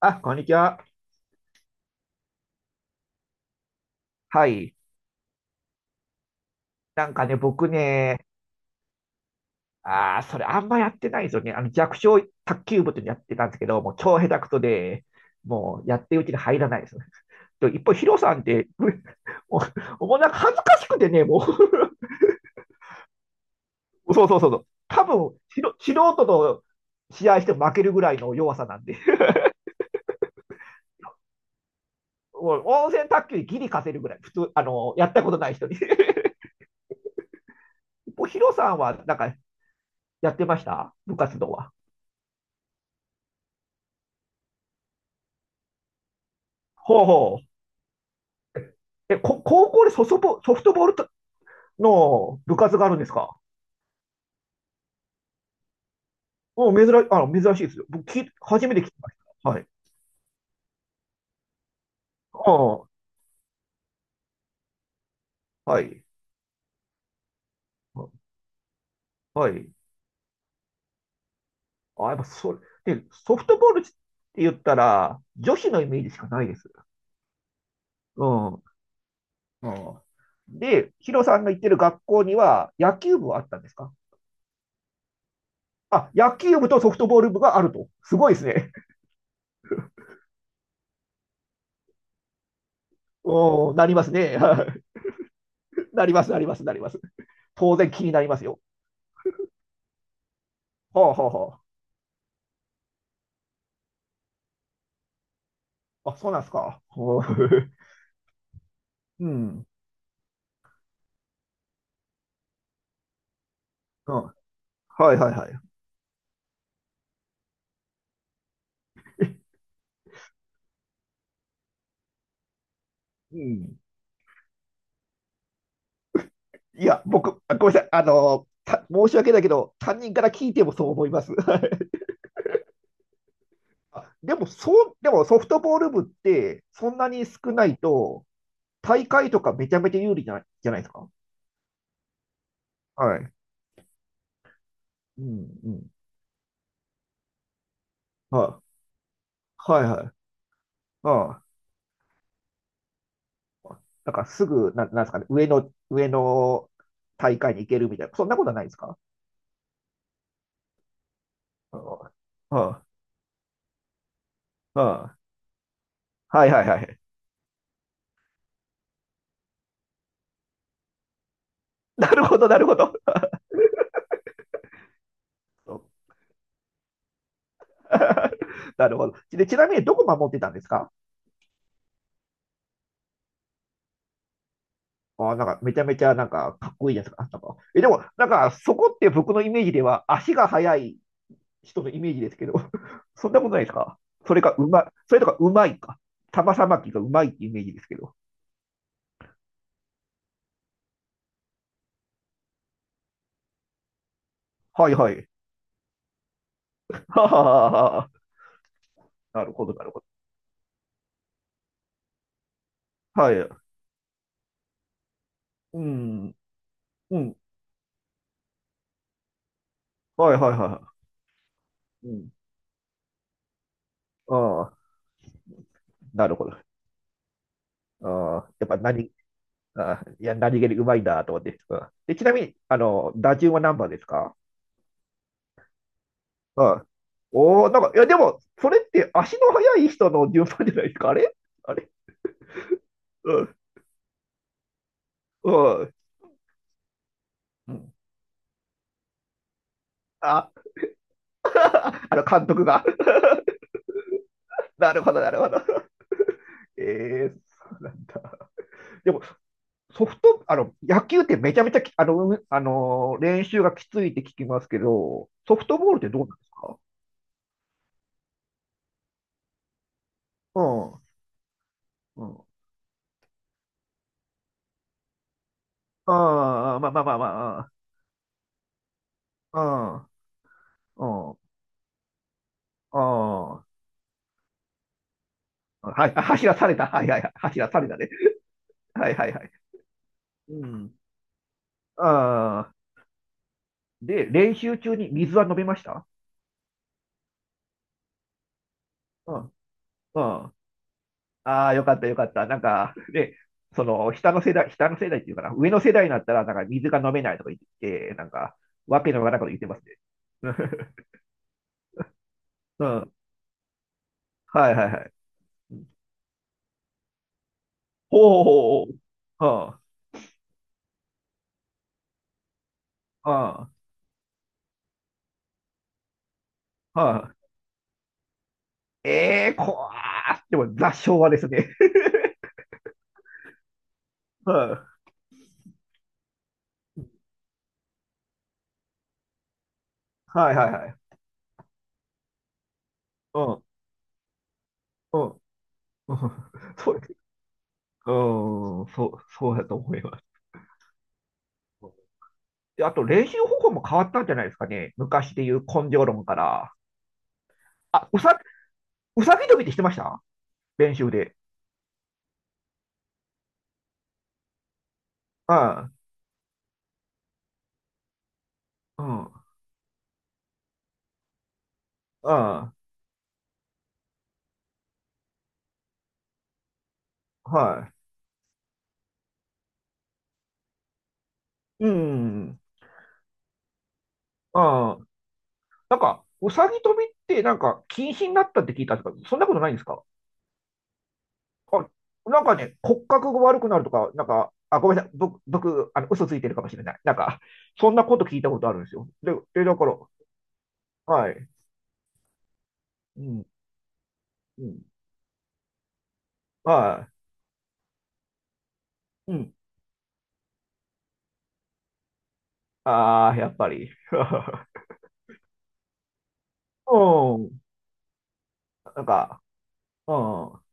あ、こんにちは。はい。僕ね、ああ、それあんまやってないですよね。弱小卓球部っていうのやってたんですけど、もう超下手くそで、もうやってるうちに入らないですねと 一方、ヒロさんって、ももうなんか恥ずかしくてね、もう そうそうそうそう。多分、ひろ素人と試合しても負けるぐらいの弱さなんで、もう温泉卓球でギリ勝てるぐらい、普通、やったことない人に。一方、ヒロさんはなんかやってました部活動は。ほうほう。高校でソフトボールとの部活があるんですか？うん、珍しいですよ。初めて聞きました。はい。ああ、はい。はい。あ、やっぱそれ、で、ソフトボールって言ったら、女子のイメージしかないです。うん。うん。で、ヒロさんが行ってる学校には、野球部はあったんですか？あ、野球部とソフトボール部があると。すごいですね。うん、なりますね。はい、なります。当然気になりますよ。はあ、はあ、はあ。あ、そうなんですか。うん。うん。はいはいはい。うん。ごめんなさい。申し訳ないけど、担任から聞いてもそう思います。はい。あでも、そう、でもソフトボール部って、そんなに少ないと、大会とかめちゃめちゃ有利じゃない、じゃないですか。はい。うん、うん。はい。はいはい。ああ。なんかすぐ、な、なんですかね、上の大会に行けるみたいな、そんなことはないですか？ああ、あああはいはいはい。なるほど、なるほど。なるほど。で、ちなみにどこ守ってたんですか？あー、なんかめちゃめちゃなんかかっこいいじゃないですか。なんかえ、でも、なんかそこって僕のイメージでは足が速い人のイメージですけど、そんなことないですか？それとかうまいか。玉さばきがうまいってイメージですけど。はいはい。ははははは。なるほど、なるほど。はい。うん、うん。はいはいはい。うん。ああ、なるほど。ああ、やっぱ何、ああ、いや、何気にうまいなと思って。うん。で、ちなみに、打順は何番ですか？はい。おー、なんか、いや、でも、それって足の速い人の順番じゃないですか。あれ？あれ？うん。うん。うん。あ、あの監督が。なるほど、なるほど。えー、そうなんだ。でも、ソフト、あの、野球ってめちゃめちゃき、あの、うあのー、練習がきついって聞きますけど、ソフトボールってどうなんですか？うん。うん。ああ、まあまあまあまあ。うん。うん。うん。はい。あ、走らされた。はいはいはい。走らされたね。はいはいはい。うん。ああ。で、練習中に水は飲めました？うん、うん。ああ、よかったよかった。なんか、で、その、下の世代っていうかな、上の世代になったら、なんか水が飲めないとか言って、なんか、わけのわからないこと言ってますね。うん。はいはいはい。ほうほうほう。はあ、はあ、はあ。ええー、怖ー。でも、雑昭和ですね。うん。はいはいはい。うん、うん。うん そう。うん、そうだと思います。あと練習方法も変わったんじゃないですかね。昔でいう根性論から。あ、うさ、うさぎ跳びってしてました？練習で。うん、うん、うん、はい。うん、うん。なんか、うさぎ跳びってなんか禁止になったって聞いたんですけど、そんなことないんですか？あ、なんかね、骨格が悪くなるとか、なんか、あ、ごめんなさい。僕、嘘ついてるかもしれない。なんか、そんなこと聞いたことあるんですよ。で、だから、はい。うん、うん、はい。うん。ああ、やっぱり。うん。なんか、うん、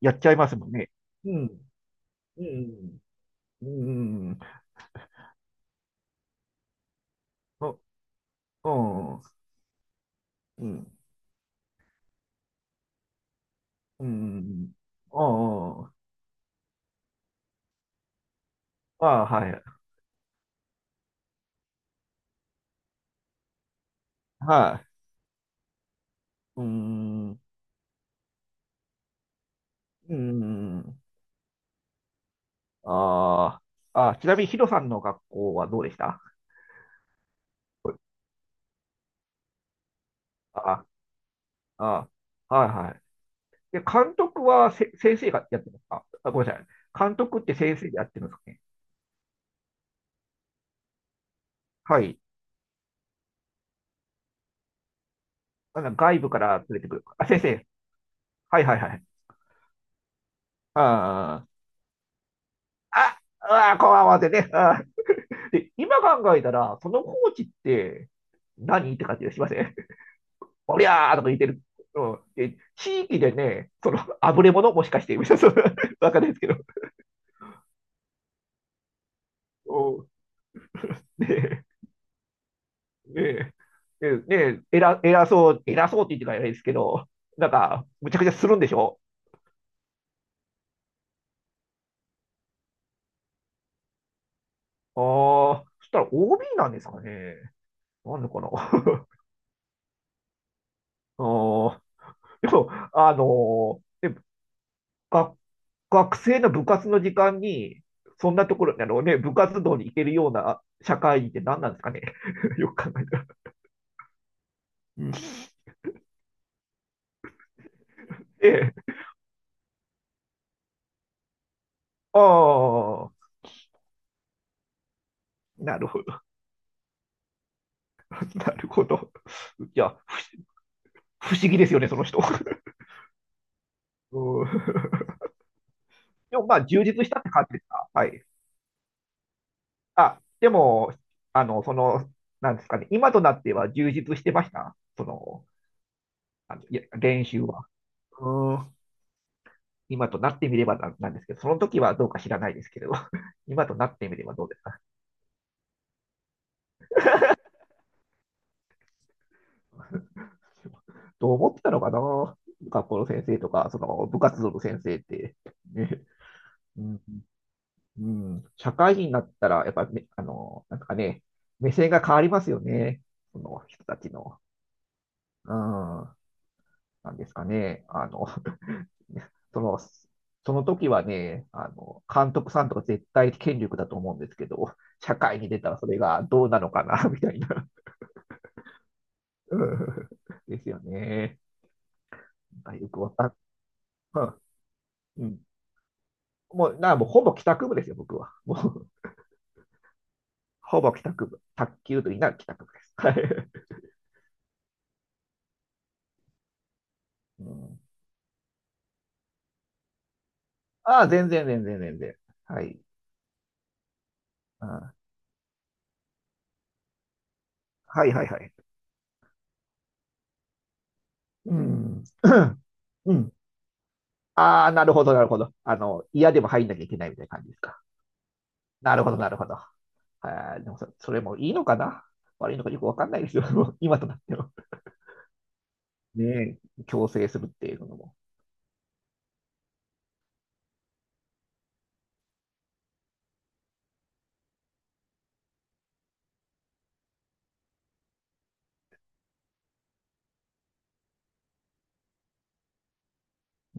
やっちゃいますもんね。うん、うん、うん、うん、うん、うん、うん、うん、うん、ああ、はい、はい、うん、うん、ああ、あ、ちなみにヒロさんの学校はどうでした？あ、あ、はい、はい。で、監督は、先生がやってますか？あ、ごめんなさい。監督って先生でやってるんですかね？はい。あの外部から連れてくる。あ、先生。はいはいはい。ああ。あ、うわ、こわわってね。で、今考えたら、そのコーチって何って感じがしません？おりゃーとか言ってる。うん、で地域でね、その、あぶれ者もしかして、みたいな、そ、わかんないですけど。うん、ねえ、ねねえ、偉そうって言ってからないですけど、なんか、むちゃくちゃするんでしょ？ああ、そしたら OB なんですかね。なんでかな。ああ、でも、あのーで学学生の部活の時間に、そんなところ、あのね、部活動に行けるような社会人って何なんですかね。よく考えたら。うん、ええ、ああ、なるほど、なるほど。いや、不思議ですよね、その人。うん。でもまあ、充実したって感じですか。はい。あ、でも、あの、その、なんですかね、今となっては充実してました。その、あの、いや、練習は。うん。今となってみればな、なんですけど、その時はどうか知らないですけど、今となってみればどうですか？どう思ってたのかな、学校の先生とか、その部活動の先生って。ね、うん、うん、社会人になったら、やっぱりあの、なんかね、目線が変わりますよね。その人たちの。うん、なんですかね。あの、その、その時はね、あの、監督さんとか絶対権力だと思うんですけど、社会に出たらそれがどうなのかな、みたいな。うん ですよね。なんかよくわかん、うん、うん、もうほぼ帰宅部ですよ、僕は。もう、ほぼ帰宅部。卓球と言いながら帰宅部です。はい。うん。ああ、全然。はい。ああ、はい、はい、はい。うん。うん。ああ、なるほど、なるほど。あの、嫌でも入んなきゃいけないみたいな感じですか。なるほど、なるほど。ああ、でもそ、それもいいのかな？悪いのかよくわかんないですよ。もう今となっては。ねえ、強制するっていうのも。